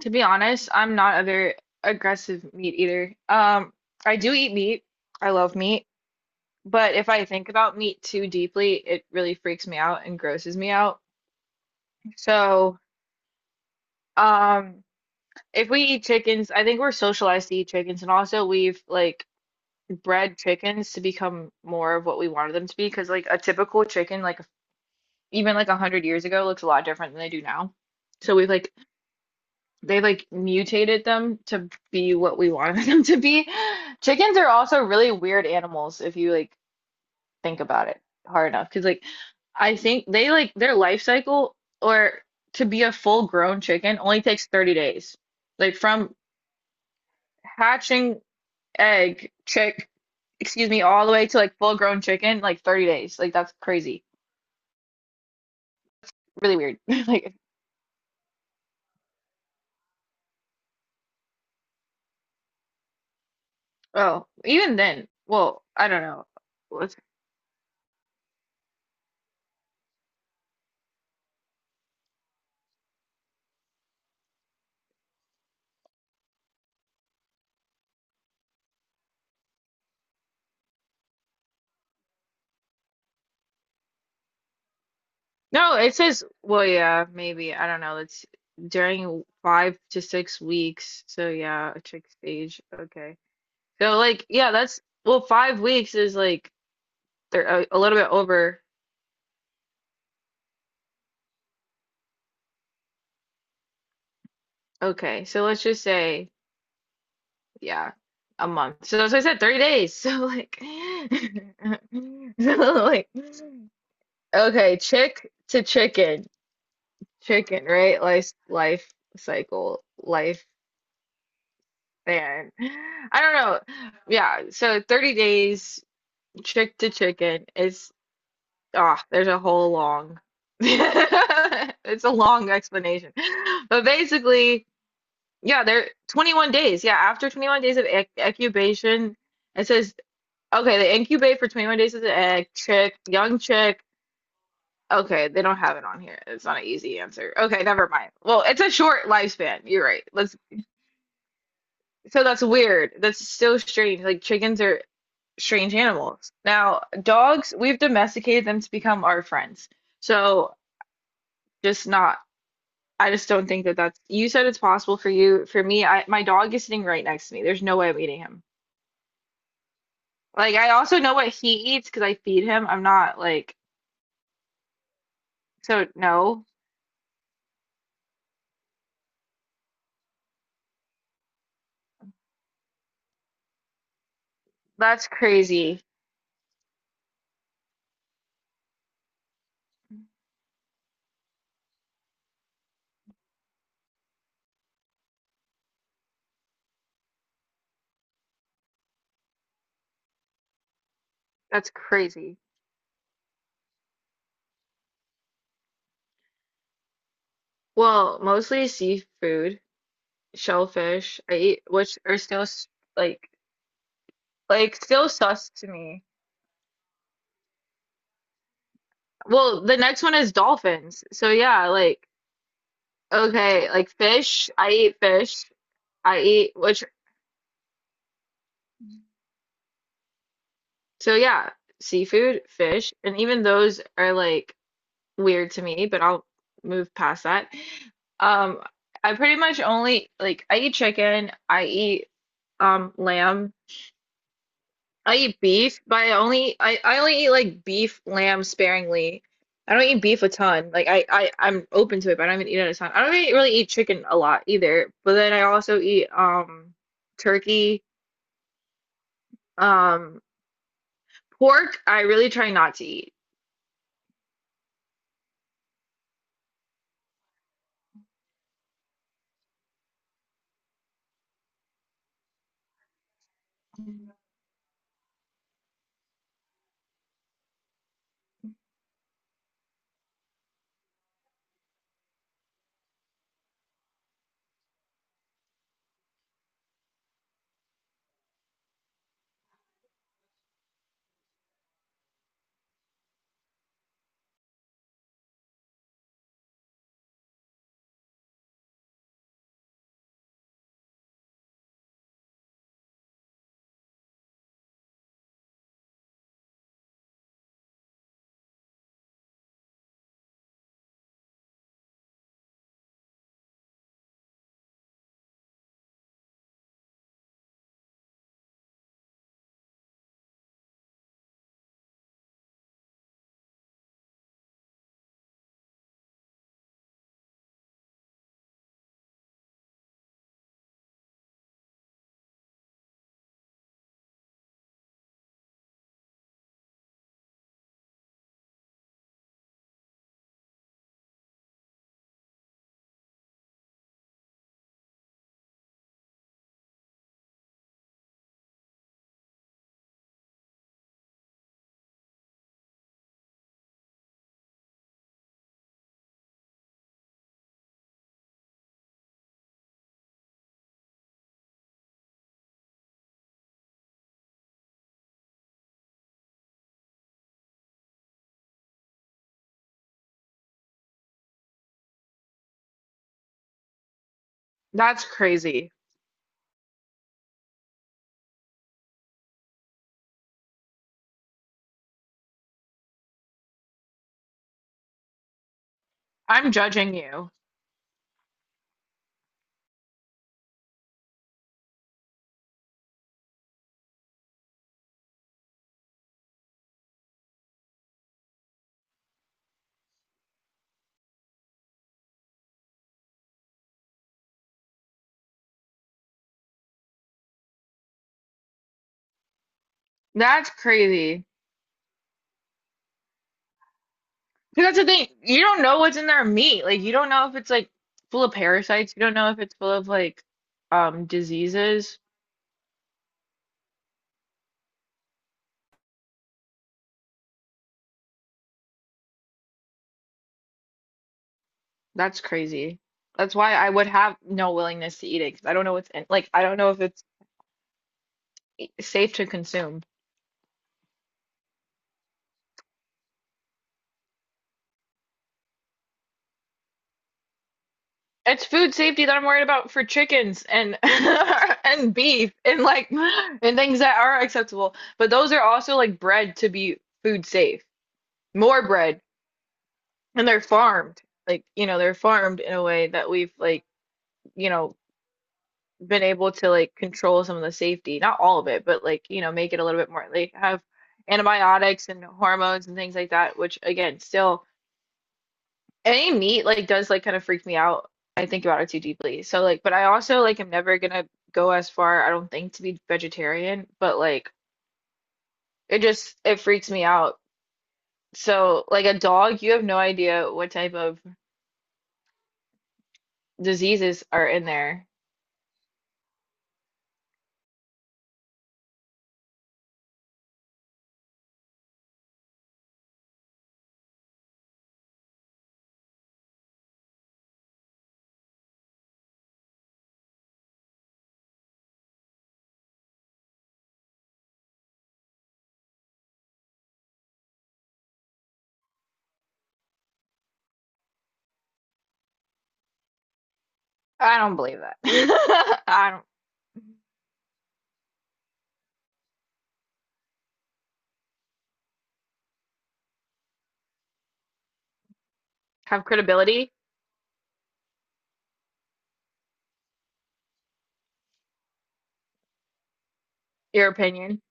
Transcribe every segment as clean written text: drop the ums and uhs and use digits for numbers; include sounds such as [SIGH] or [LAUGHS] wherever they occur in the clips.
To be honest, I'm not a very aggressive meat eater. I do eat meat. I love meat. But if I think about meat too deeply, it really freaks me out and grosses me out. So, um, if we eat chickens, I think we're socialized to eat chickens, and also we've like bred chickens to become more of what we wanted them to be. Because like a typical chicken, like even like 100 years ago, looks a lot different than they do now. So we've like they like mutated them to be what we wanted [LAUGHS] them to be. Chickens are also really weird animals if you like think about it hard enough. Because like I think they like their life cycle or to be a full grown chicken only takes 30 days. Like from hatching egg, chick, excuse me, all the way to like full grown chicken, like 30 days. Like that's crazy. Really weird. [LAUGHS] Like, oh, even then, well, I don't know. No, it says, well, yeah, maybe. I don't know. It's during 5 to 6 weeks. So, yeah, a chick stage. Okay. So, like, yeah, that's, well, 5 weeks is like they're a little bit over. Okay. So, let's just say, yeah, a month. So, that's what I said, 30 days. [LAUGHS] So, like, [LAUGHS] so, like, okay, chick to chicken, chicken, right? Life, life cycle, life. Man, I don't know. Yeah, so 30 days chick to chicken is there's a whole long [LAUGHS] it's a long explanation. But basically, yeah, they're 21 days. Yeah, after 21 days of incubation, it says okay, they incubate for 21 days as an egg, chick, young chick. Okay, they don't have it on here. It's not an easy answer. Okay, never mind. Well, it's a short lifespan. You're right. Let's so that's weird. That's so strange. Like chickens are strange animals. Now, dogs, we've domesticated them to become our friends. So, just not, I just don't think that that's, you said it's possible for you. For me, my dog is sitting right next to me. There's no way I'm eating him. Like, I also know what he eats because I feed him. I'm not like, so no, that's crazy. That's crazy. Well, mostly seafood, shellfish, I eat, which are still like, like still sus to me. Well, the next one is dolphins. So yeah, like okay, like fish. I eat fish. I eat which so yeah, seafood, fish, and even those are like weird to me, but I'll move past that. Um, I pretty much only like I eat chicken, I eat lamb. I eat beef, but I only eat like beef, lamb sparingly. I don't eat beef a ton. Like I'm open to it, but I don't eat it a ton. I don't really, really eat chicken a lot either. But then I also eat turkey. um. Pork, I really try not to eat. That's crazy. I'm judging you. That's crazy. 'Cause that's the thing. You don't know what's in their meat. Like you don't know if it's like full of parasites. You don't know if it's full of like diseases. That's crazy. That's why I would have no willingness to eat it 'cause I don't know what's in like I don't know if it's safe to consume. It's food safety that I'm worried about for chickens and [LAUGHS] and beef and like and things that are acceptable. But those are also like bred to be food safe. More bred. And they're farmed. Like, you know, they're farmed in a way that we've like, you know, been able to like control some of the safety. Not all of it, but like, you know, make it a little bit more like have antibiotics and hormones and things like that, which again, still any meat like does like kind of freak me out. I think about it too deeply. So like, but I also like am never gonna go as far, I don't think, to be vegetarian, but like it just it freaks me out. So like a dog, you have no idea what type of diseases are in there. I don't believe that. [LAUGHS] I don't have credibility, your opinion.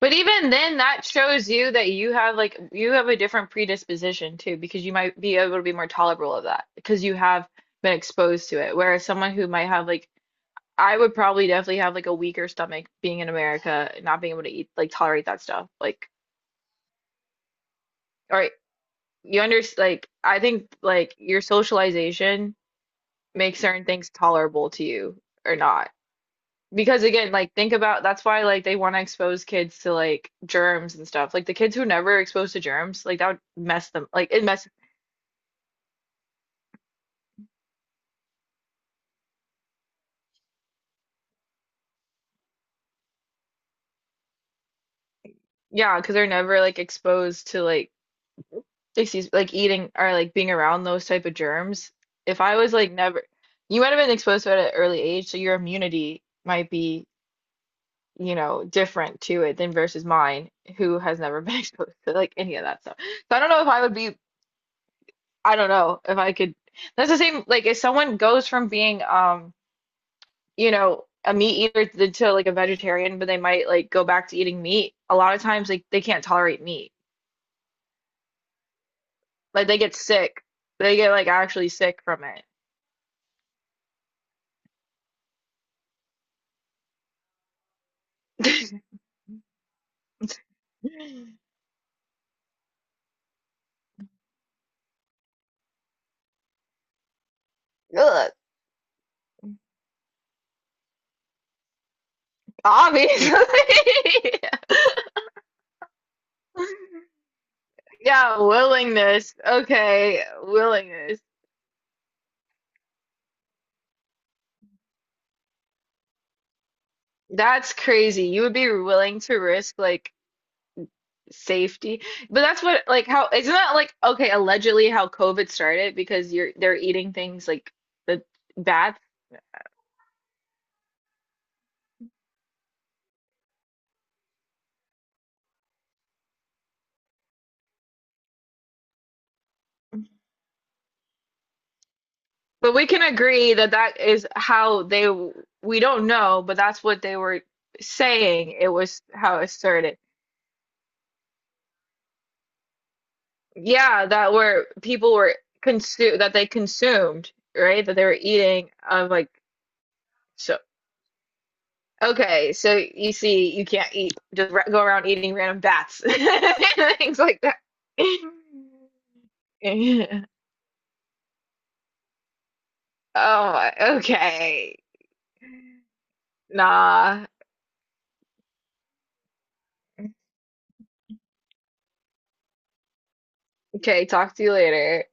But even then, that shows you that you have like you have a different predisposition too, because you might be able to be more tolerable of that because you have been exposed to it. Whereas someone who might have like I would probably definitely have like a weaker stomach being in America, not being able to eat like tolerate that stuff. Like, or you under like I think like your socialization makes certain things tolerable to you or not. Because again, like think about that's why like they want to expose kids to like germs and stuff. Like the kids who never exposed to germs, like that would mess them. Like it mess yeah, because they're never like exposed to like excuse like eating or like being around those type of germs. If I was like never, you might have been exposed to it at an early age, so your immunity might be, you know, different to it than versus mine, who has never been [LAUGHS] exposed to like any of that stuff. So I don't know if I would be, I don't know if I could. That's the same, like if someone goes from being, you know, a meat eater to, like a vegetarian, but they might like go back to eating meat. A lot of times, like they can't tolerate meat. Like they get sick. They get like actually sick from it. [LAUGHS] Look, obviously. [LAUGHS] Yeah, willingness. Okay, willingness. That's crazy. You would be willing to risk like safety. But that's what like how isn't that like okay, allegedly how COVID started because you're they're eating things like the bad. But we can agree that that is how they we don't know, but that's what they were saying. It was how it started. Yeah, that were people were consume that they consumed, right? That they were eating. I'm like, so okay, so you see, you can't eat just ra go around eating random bats [LAUGHS] and things like that. [LAUGHS] Oh, okay. Nah. Okay, talk to you later.